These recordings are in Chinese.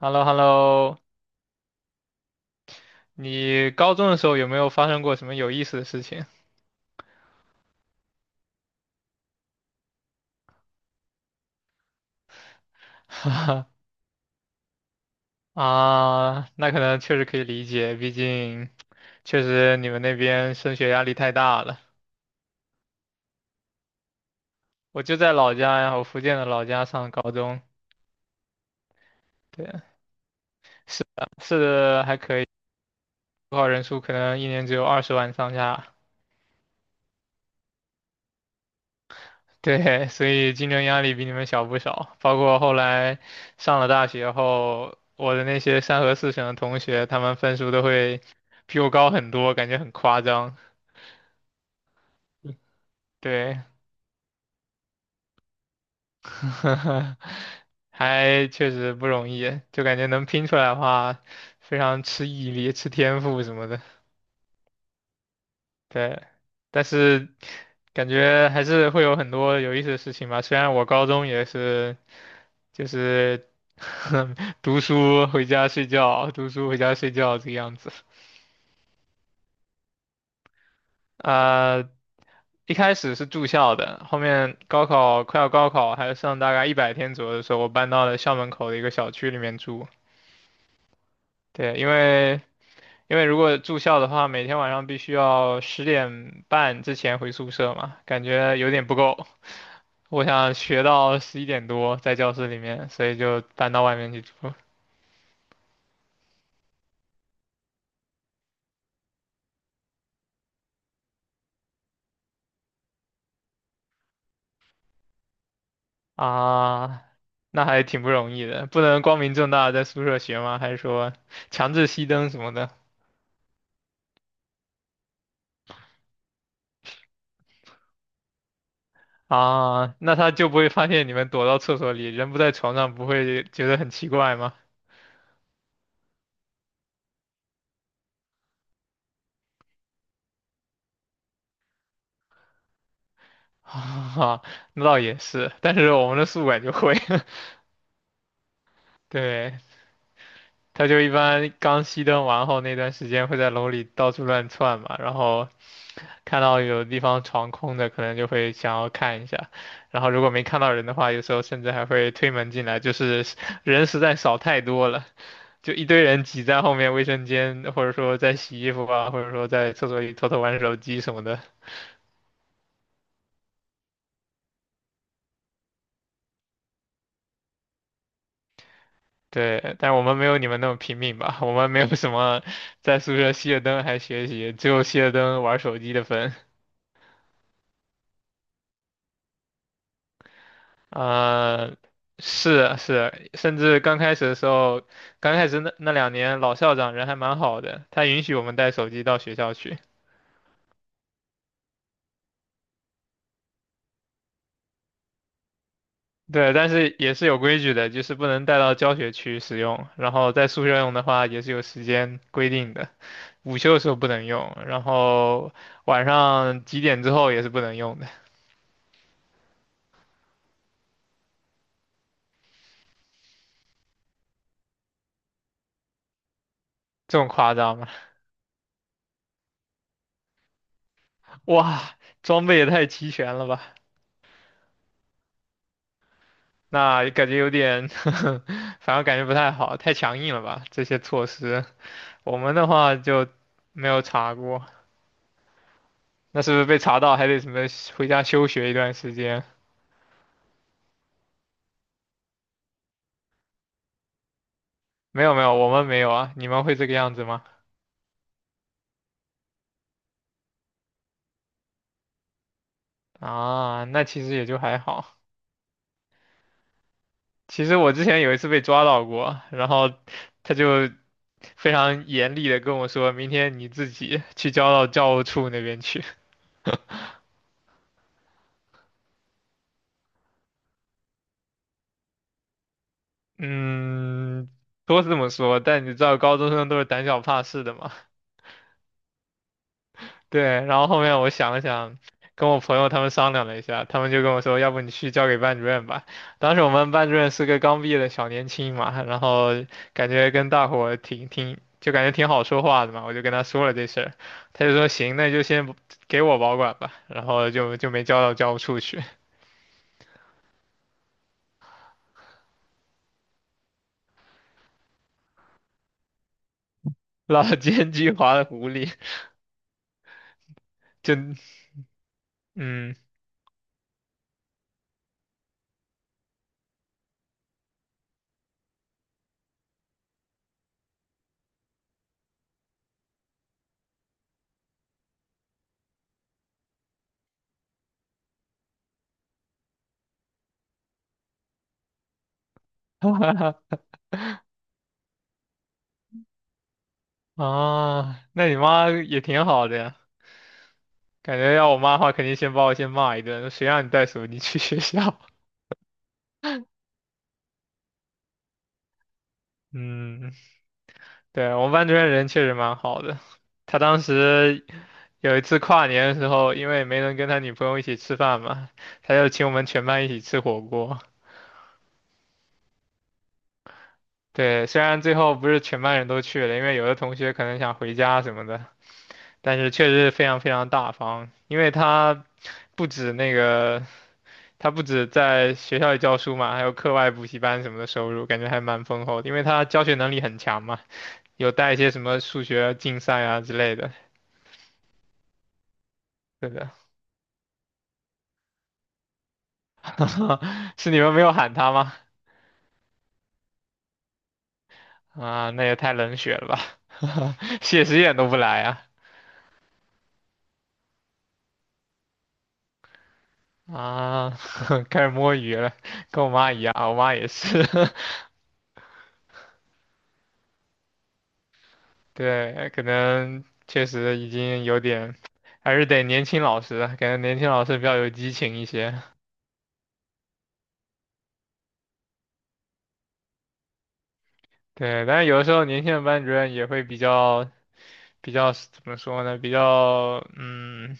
h e l l o h e l l o 你高中的时候有没有发生过什么有意思的事情？啊，那可能确实可以理解，毕竟确实你们那边升学压力太大了。我就在老家呀，我福建的老家上高中，对，是的，是的还可以，高考人数可能一年只有20万上下，对，所以竞争压力比你们小不少。包括后来上了大学后，我的那些三河四省的同学，他们分数都会比我高很多，感觉很夸张。对，还确实不容易，就感觉能拼出来的话，非常吃毅力、吃天赋什么的。对，但是感觉还是会有很多有意思的事情吧。虽然我高中也是，就是 读书回家睡觉，读书回家睡觉这个样子。啊，一开始是住校的，后面高考快要高考，还有剩大概100天左右的时候，我搬到了校门口的一个小区里面住。对，因为如果住校的话，每天晚上必须要10点半之前回宿舍嘛，感觉有点不够。我想学到11点多在教室里面，所以就搬到外面去住啊。那还挺不容易的，不能光明正大地在宿舍学吗？还是说强制熄灯什么的啊？那他就不会发现你们躲到厕所里，人不在床上，不会觉得很奇怪吗？啊，那倒也是，但是我们的宿管就会，对，他就一般刚熄灯完后那段时间会在楼里到处乱窜嘛，然后看到有地方床空的，可能就会想要看一下，然后如果没看到人的话，有时候甚至还会推门进来，就是人实在少太多了，就一堆人挤在后面卫生间，或者说在洗衣服啊，或者说在厕所里偷偷玩手机什么的。对，但我们没有你们那么拼命吧，我们没有什么在宿舍熄了灯还学习，只有熄了灯玩手机的份。呃，是是，甚至刚开始的时候，刚开始那2年，老校长人还蛮好的，他允许我们带手机到学校去。对，但是也是有规矩的，就是不能带到教学区使用，然后在宿舍用的话也是有时间规定的，午休的时候不能用，然后晚上几点之后也是不能用的，这么夸张吗？哇，装备也太齐全了吧？那感觉有点 反而感觉不太好，太强硬了吧？这些措施。我们的话就没有查过，那是不是被查到还得什么回家休学一段时间？没有没有，我们没有啊，你们会这个样子吗？啊，那其实也就还好。其实我之前有一次被抓到过，然后他就非常严厉的跟我说，明天你自己去交到教务处那边去。嗯，都是这么说，但你知道高中生都是胆小怕事的嘛，对，然后后面我想了想，跟我朋友他们商量了一下，他们就跟我说，要不你去交给班主任吧。当时我们班主任是个刚毕业的小年轻嘛，然后感觉跟大伙儿挺，就感觉挺好说话的嘛，我就跟他说了这事儿，他就说行，那就先不给我保管吧，然后就没交到教务处去，老奸巨猾的狐狸，就嗯，啊，那你妈也挺好的呀。感觉要我妈的话，肯定先把我先骂一顿，谁让你带手机去学校？嗯，对，我们班主任人确实蛮好的。他当时有一次跨年的时候，因为没能跟他女朋友一起吃饭嘛，他就请我们全班一起吃火锅。对，虽然最后不是全班人都去了，因为有的同学可能想回家什么的，但是确实非常非常大方，因为他不止那个，他不止在学校里教书嘛，还有课外补习班什么的收入，感觉还蛮丰厚的，因为他教学能力很强嘛，有带一些什么数学竞赛啊之类的。对的。是你们没有喊他吗？啊，那也太冷血了吧！谢师宴都不来啊！啊，开始摸鱼了，跟我妈一样，我妈也是。对，可能确实已经有点，还是得年轻老师，感觉年轻老师比较有激情一些。对，但是有的时候年轻的班主任也会比较怎么说呢？比较嗯，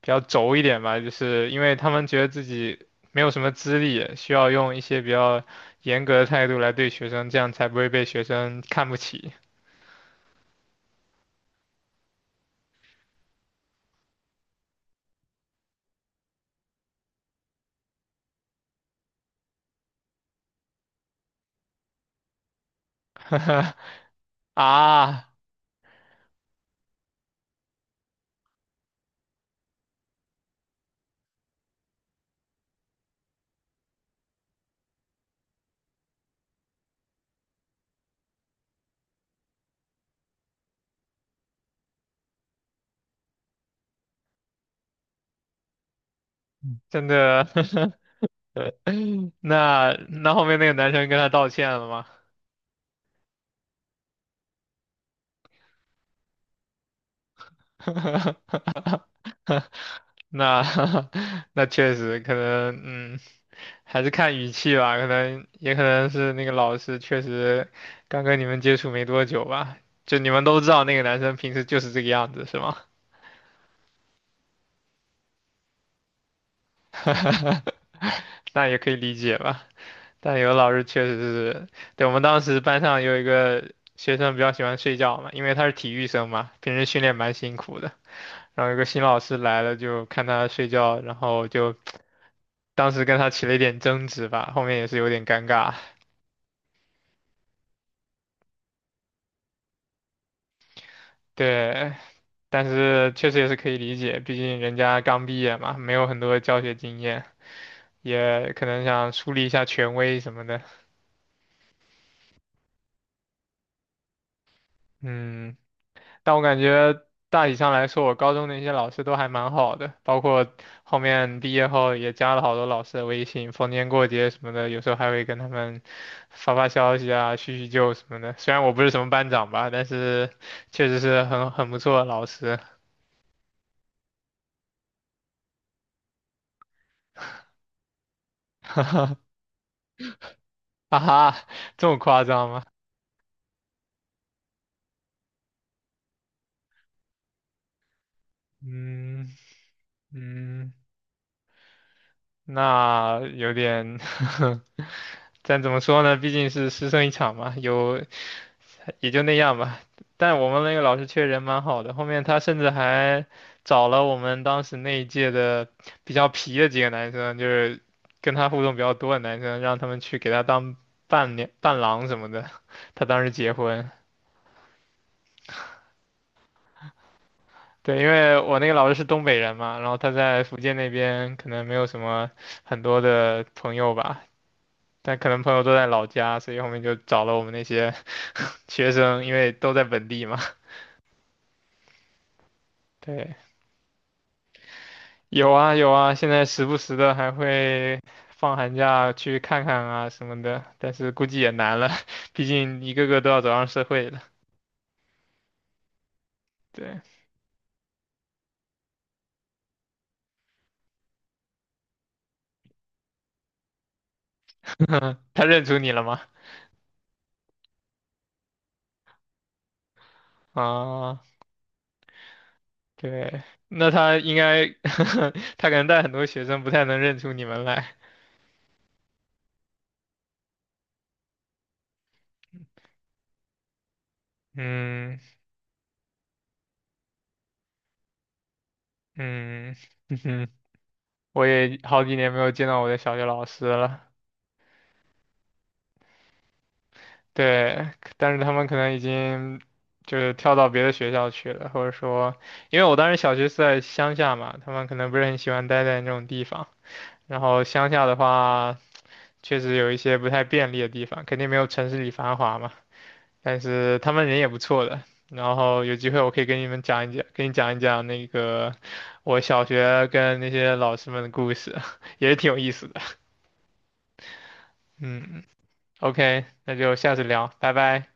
比较轴一点吧，就是因为他们觉得自己没有什么资历，需要用一些比较严格的态度来对学生，这样才不会被学生看不起。啊，真的？那后面那个男生跟他道歉了吗？那 那确实可能，嗯，还是看语气吧，可能也可能是那个老师确实刚跟你们接触没多久吧，就你们都知道那个男生平时就是这个样子，是吗？那也可以理解吧。但有的老师确实是，对，我们当时班上有一个学生比较喜欢睡觉嘛，因为他是体育生嘛，平时训练蛮辛苦的。然后有个新老师来了，就看他睡觉，然后就当时跟他起了一点争执吧，后面也是有点尴尬。对，但是确实也是可以理解，毕竟人家刚毕业嘛，没有很多教学经验，也可能想树立一下权威什么的。嗯，但我感觉大体上来说，我高中的一些老师都还蛮好的，包括后面毕业后也加了好多老师的微信，逢年过节什么的，有时候还会跟他们发发消息啊，叙叙旧什么的。虽然我不是什么班长吧，但是确实是很不错的老师。哈哈，啊哈，这么夸张吗？嗯嗯，那有点，但怎么说呢？毕竟是师生一场嘛，有也就那样吧。但我们那个老师确实人蛮好的，后面他甚至还找了我们当时那一届的比较皮的几个男生，就是跟他互动比较多的男生，让他们去给他当伴娘、伴郎什么的。他当时结婚，对，因为我那个老师是东北人嘛，然后他在福建那边可能没有什么很多的朋友吧。但可能朋友都在老家，所以后面就找了我们那些 学生，因为都在本地嘛。对，有啊有啊，现在时不时的还会放寒假去看看啊什么的，但是估计也难了，毕竟一个个都要走上社会了。对，他认出你了吗？啊，对，那他应该，他可能带很多学生，不太能认出你们来。嗯嗯嗯哼，我也好几年没有见到我的小学老师了。对，但是他们可能已经就是跳到别的学校去了，或者说，因为我当时小学是在乡下嘛，他们可能不是很喜欢待在那种地方。然后乡下的话，确实有一些不太便利的地方，肯定没有城市里繁华嘛。但是他们人也不错的。然后有机会我可以跟你们讲一讲，跟你讲一讲那个我小学跟那些老师们的故事，也是挺有意思的。嗯，OK，那就下次聊，拜拜。